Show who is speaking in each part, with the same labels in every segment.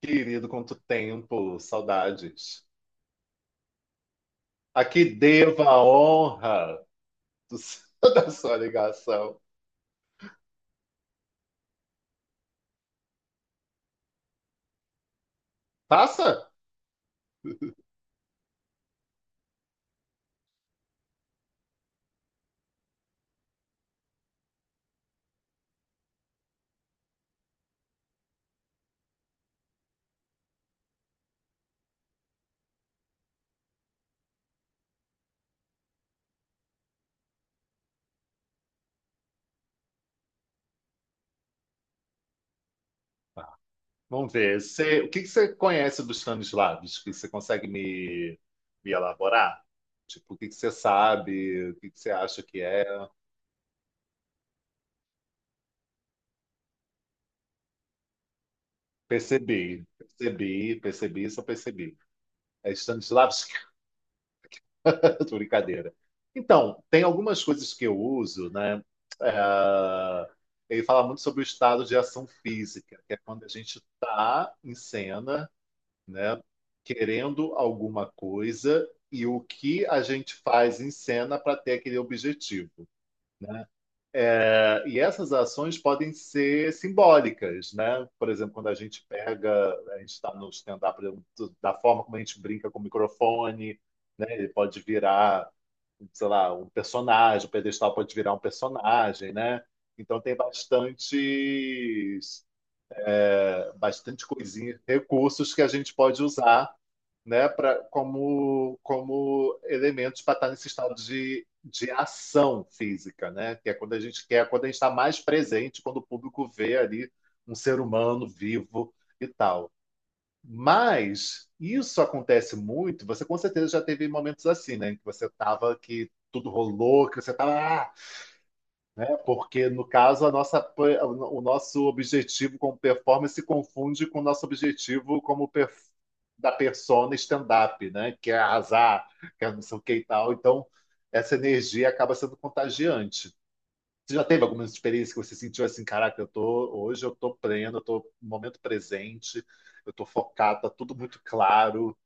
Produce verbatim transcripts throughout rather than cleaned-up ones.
Speaker 1: Querido, quanto tempo, saudades. A que devo a honra do seu- da sua ligação. Passa? Vamos ver. Você- o que que você conhece dos Stanislavski? Você consegue me, me elaborar? Tipo, o que que você sabe? O que que você acha que é? Percebi, percebi, percebi, só percebi. É Stanislavski? Eu tô brincadeira. Então, tem algumas coisas que eu uso, né? É, Ele fala muito sobre o estado de ação física, que é quando a gente tá em cena, né? Querendo alguma coisa e o que a gente faz em cena para ter aquele objetivo. É, E essas ações podem ser simbólicas, né? Por exemplo, quando a gente pega, a gente está no stand-up, por exemplo, da forma como a gente brinca com o microfone, né? Ele pode virar sei lá, um personagem, o pedestal pode virar um personagem, né? Então tem bastante bastante coisinha, recursos que a gente pode usar, né, para como como elementos para estar nesse estado de, de ação física, né? Que é quando a gente quer, quando a gente está mais presente, quando o público vê ali um ser humano vivo e tal. Mas isso acontece muito. Você com certeza já teve momentos assim, né? Em que você tava que tudo rolou, que você tava, ah, né? Porque no caso a nossa, pe- o nosso objetivo como performance se confunde com o nosso objetivo como per- da persona stand-up, né? Que é arrasar, que é não sei o que e tal. Então essa energia acaba sendo contagiante. Você já teve alguma experiência que você sentiu assim, caraca, eu tô hoje eu tô pleno, eu tô no momento presente, eu tô focado, tá tudo muito claro.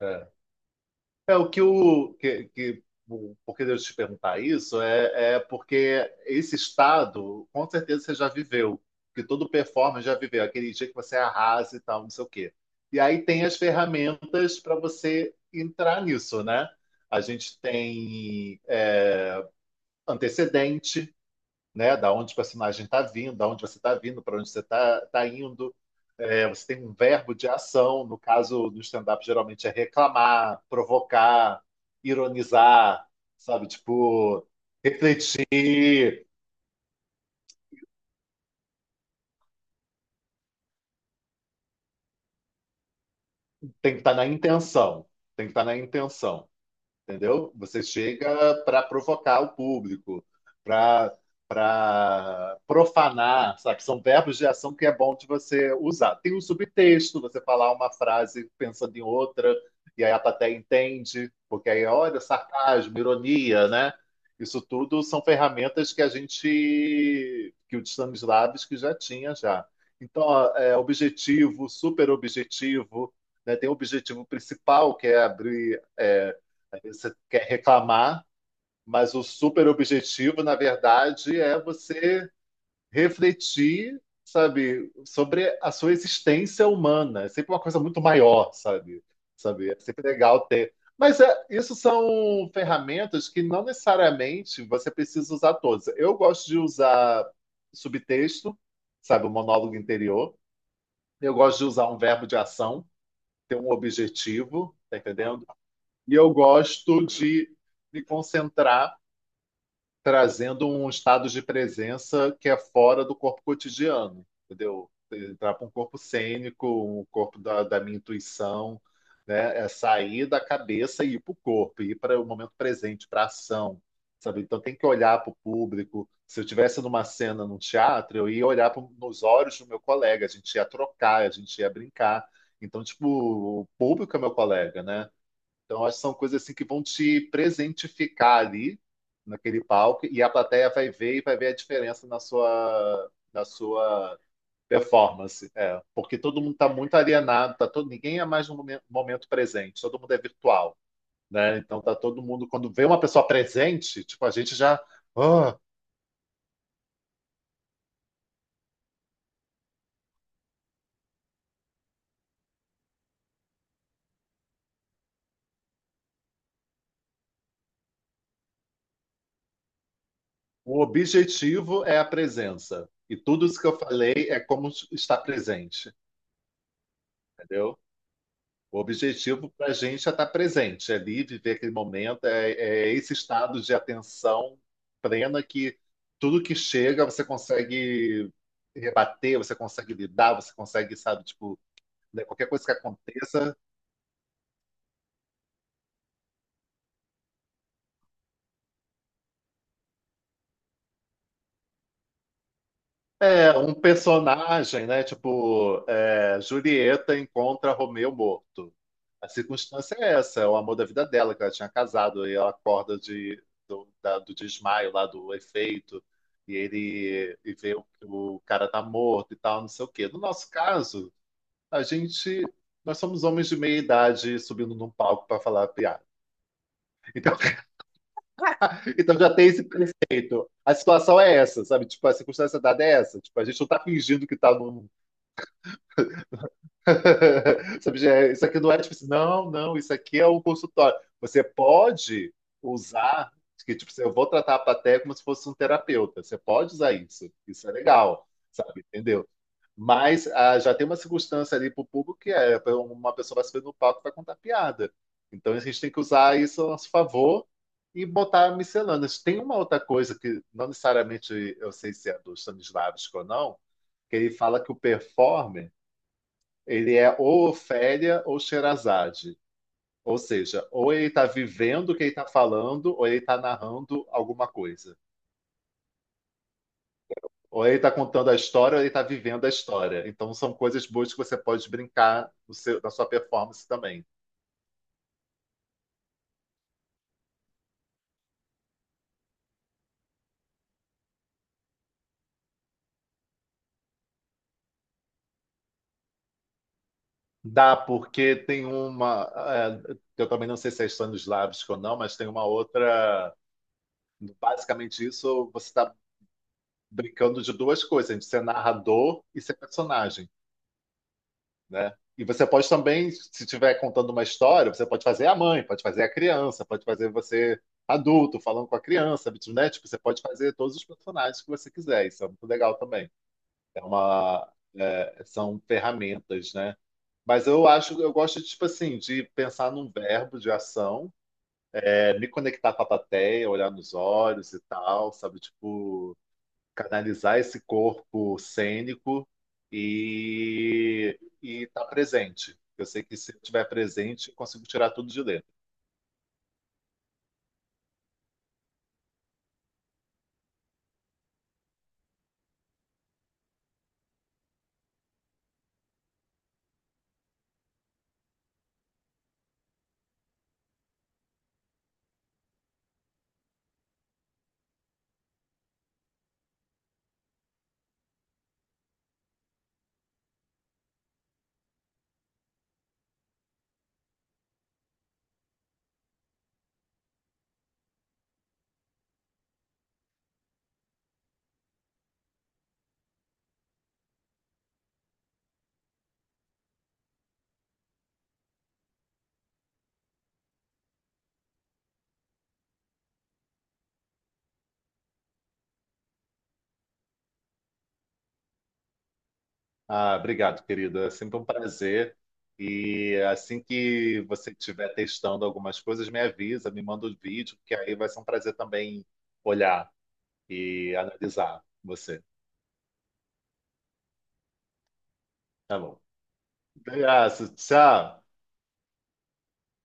Speaker 1: É, É, o que o que, que o- por que eu te perguntar isso é, é porque esse estado, com certeza você já viveu, que todo performer já viveu, aquele dia que você arrasa e tal, não sei o quê. E aí tem as ferramentas para você entrar nisso, né? A gente tem é, antecedente, né? Da onde o personagem está vindo, da onde você está vindo, para onde você está tá indo. É, você tem um verbo de ação, no caso do stand-up, geralmente é reclamar, provocar, ironizar, sabe? Tipo, refletir. Tem que estar na intenção. Tem que estar na intenção. Entendeu? Você chega para provocar o público, para para profanar, sabe? São verbos de ação que é bom de você usar. Tem um subtexto, você falar uma frase pensando em outra, e aí a plateia entende, porque aí, olha, sarcasmo, ironia, né? Isso tudo são ferramentas que a gente, que o Stanislavski já tinha já. Então, ó, é objetivo, super objetivo, né? Tem o objetivo principal, que é abrir, é, às vezes você quer reclamar, mas o super objetivo, na verdade, é você refletir, sabe, sobre a sua existência humana. É sempre uma coisa muito maior, sabe? Sabe? É sempre legal ter. Mas é, isso são ferramentas que não necessariamente você precisa usar todas. Eu gosto de usar subtexto, sabe, o monólogo interior. Eu gosto de usar um verbo de ação, ter um objetivo, tá entendendo? E eu gosto de me concentrar trazendo um estado de presença que é fora do corpo cotidiano, entendeu? Entrar para um corpo cênico, um corpo da, da minha intuição, né? É sair da cabeça e ir para o corpo, ir para o momento presente, para a ação, sabe? Então tem que olhar para o público. Se eu tivesse numa cena num teatro, eu ia olhar pro, nos olhos do meu colega, a gente ia trocar, a gente ia brincar. Então, tipo, o público é meu colega, né? Então, acho que são coisas assim que vão te presentificar ali naquele palco e a plateia vai ver e vai ver a diferença na sua na sua performance, é, porque todo mundo está muito alienado, tá todo ninguém é mais no momen- momento presente, todo mundo é virtual, né? Então tá todo mundo quando vê uma pessoa presente, tipo a gente já, ah, o objetivo é a presença e tudo isso que eu falei é como estar presente, entendeu? O objetivo para a gente é estar presente, é ali viver aquele momento, é, é esse estado de atenção plena que tudo que chega você consegue rebater, você consegue lidar, você consegue, sabe, tipo, né, qualquer coisa que aconteça. É, um personagem, né? Tipo, é, Julieta encontra Romeu morto. A circunstância é essa, é o amor da vida dela, que ela tinha casado, e ela acorda de, do, da- do desmaio lá, do efeito, e ele e vê o, que o cara tá morto e tal, não sei o quê. No nosso caso, a gente, nós somos homens de meia idade subindo num palco para falar piada. Então, então já tem esse preceito. A situação é essa, sabe? Tipo, a circunstância dada é essa. Tipo, a gente não tá fingindo que tá num sabe, já é- isso aqui não é tipo assim, não, não, isso aqui é um consultório. Você pode usar, que tipo, assim, eu vou tratar a plateia como se fosse um terapeuta. Você pode usar isso, isso é legal, sabe? Entendeu? Mas ah, já tem uma circunstância ali pro público que é uma pessoa vai subir no palco e vai contar piada. Então a gente tem que usar isso a nosso favor e botar miscelâneas. Tem uma outra coisa que não necessariamente eu sei se é do Stanislavski ou não, que ele fala que o performer ele é ou Ofélia ou Sherazade. Ou seja, ou ele está vivendo o que ele está falando, ou ele está narrando alguma coisa. Ou ele está contando a história, ou ele está vivendo a história. Então, são coisas boas que você pode brincar no seu- na sua performance também. Dá, porque tem uma. É, eu também não sei se é Stanislavski ou não, mas tem uma outra. Basicamente, isso você está brincando de duas coisas: de ser narrador e ser personagem. Né? E você pode também, se estiver contando uma história, você pode fazer a mãe, pode fazer a criança, pode fazer você adulto falando com a criança, né? Tipo, você pode fazer todos os personagens que você quiser. Isso é muito legal também. É uma, é, são ferramentas, né? Mas eu acho, eu gosto, tipo assim, de pensar num verbo de ação, é, me conectar com a plateia, olhar nos olhos e tal, sabe? Tipo, canalizar esse corpo cênico e estar presente. Eu sei que se eu estiver presente, eu consigo tirar tudo de letra. Ah, obrigado, querida. É sempre um prazer. E assim que você estiver testando algumas coisas, me avisa, me manda o vídeo, que aí vai ser um prazer também olhar e analisar você. Tá bom. Obrigado. Tchau.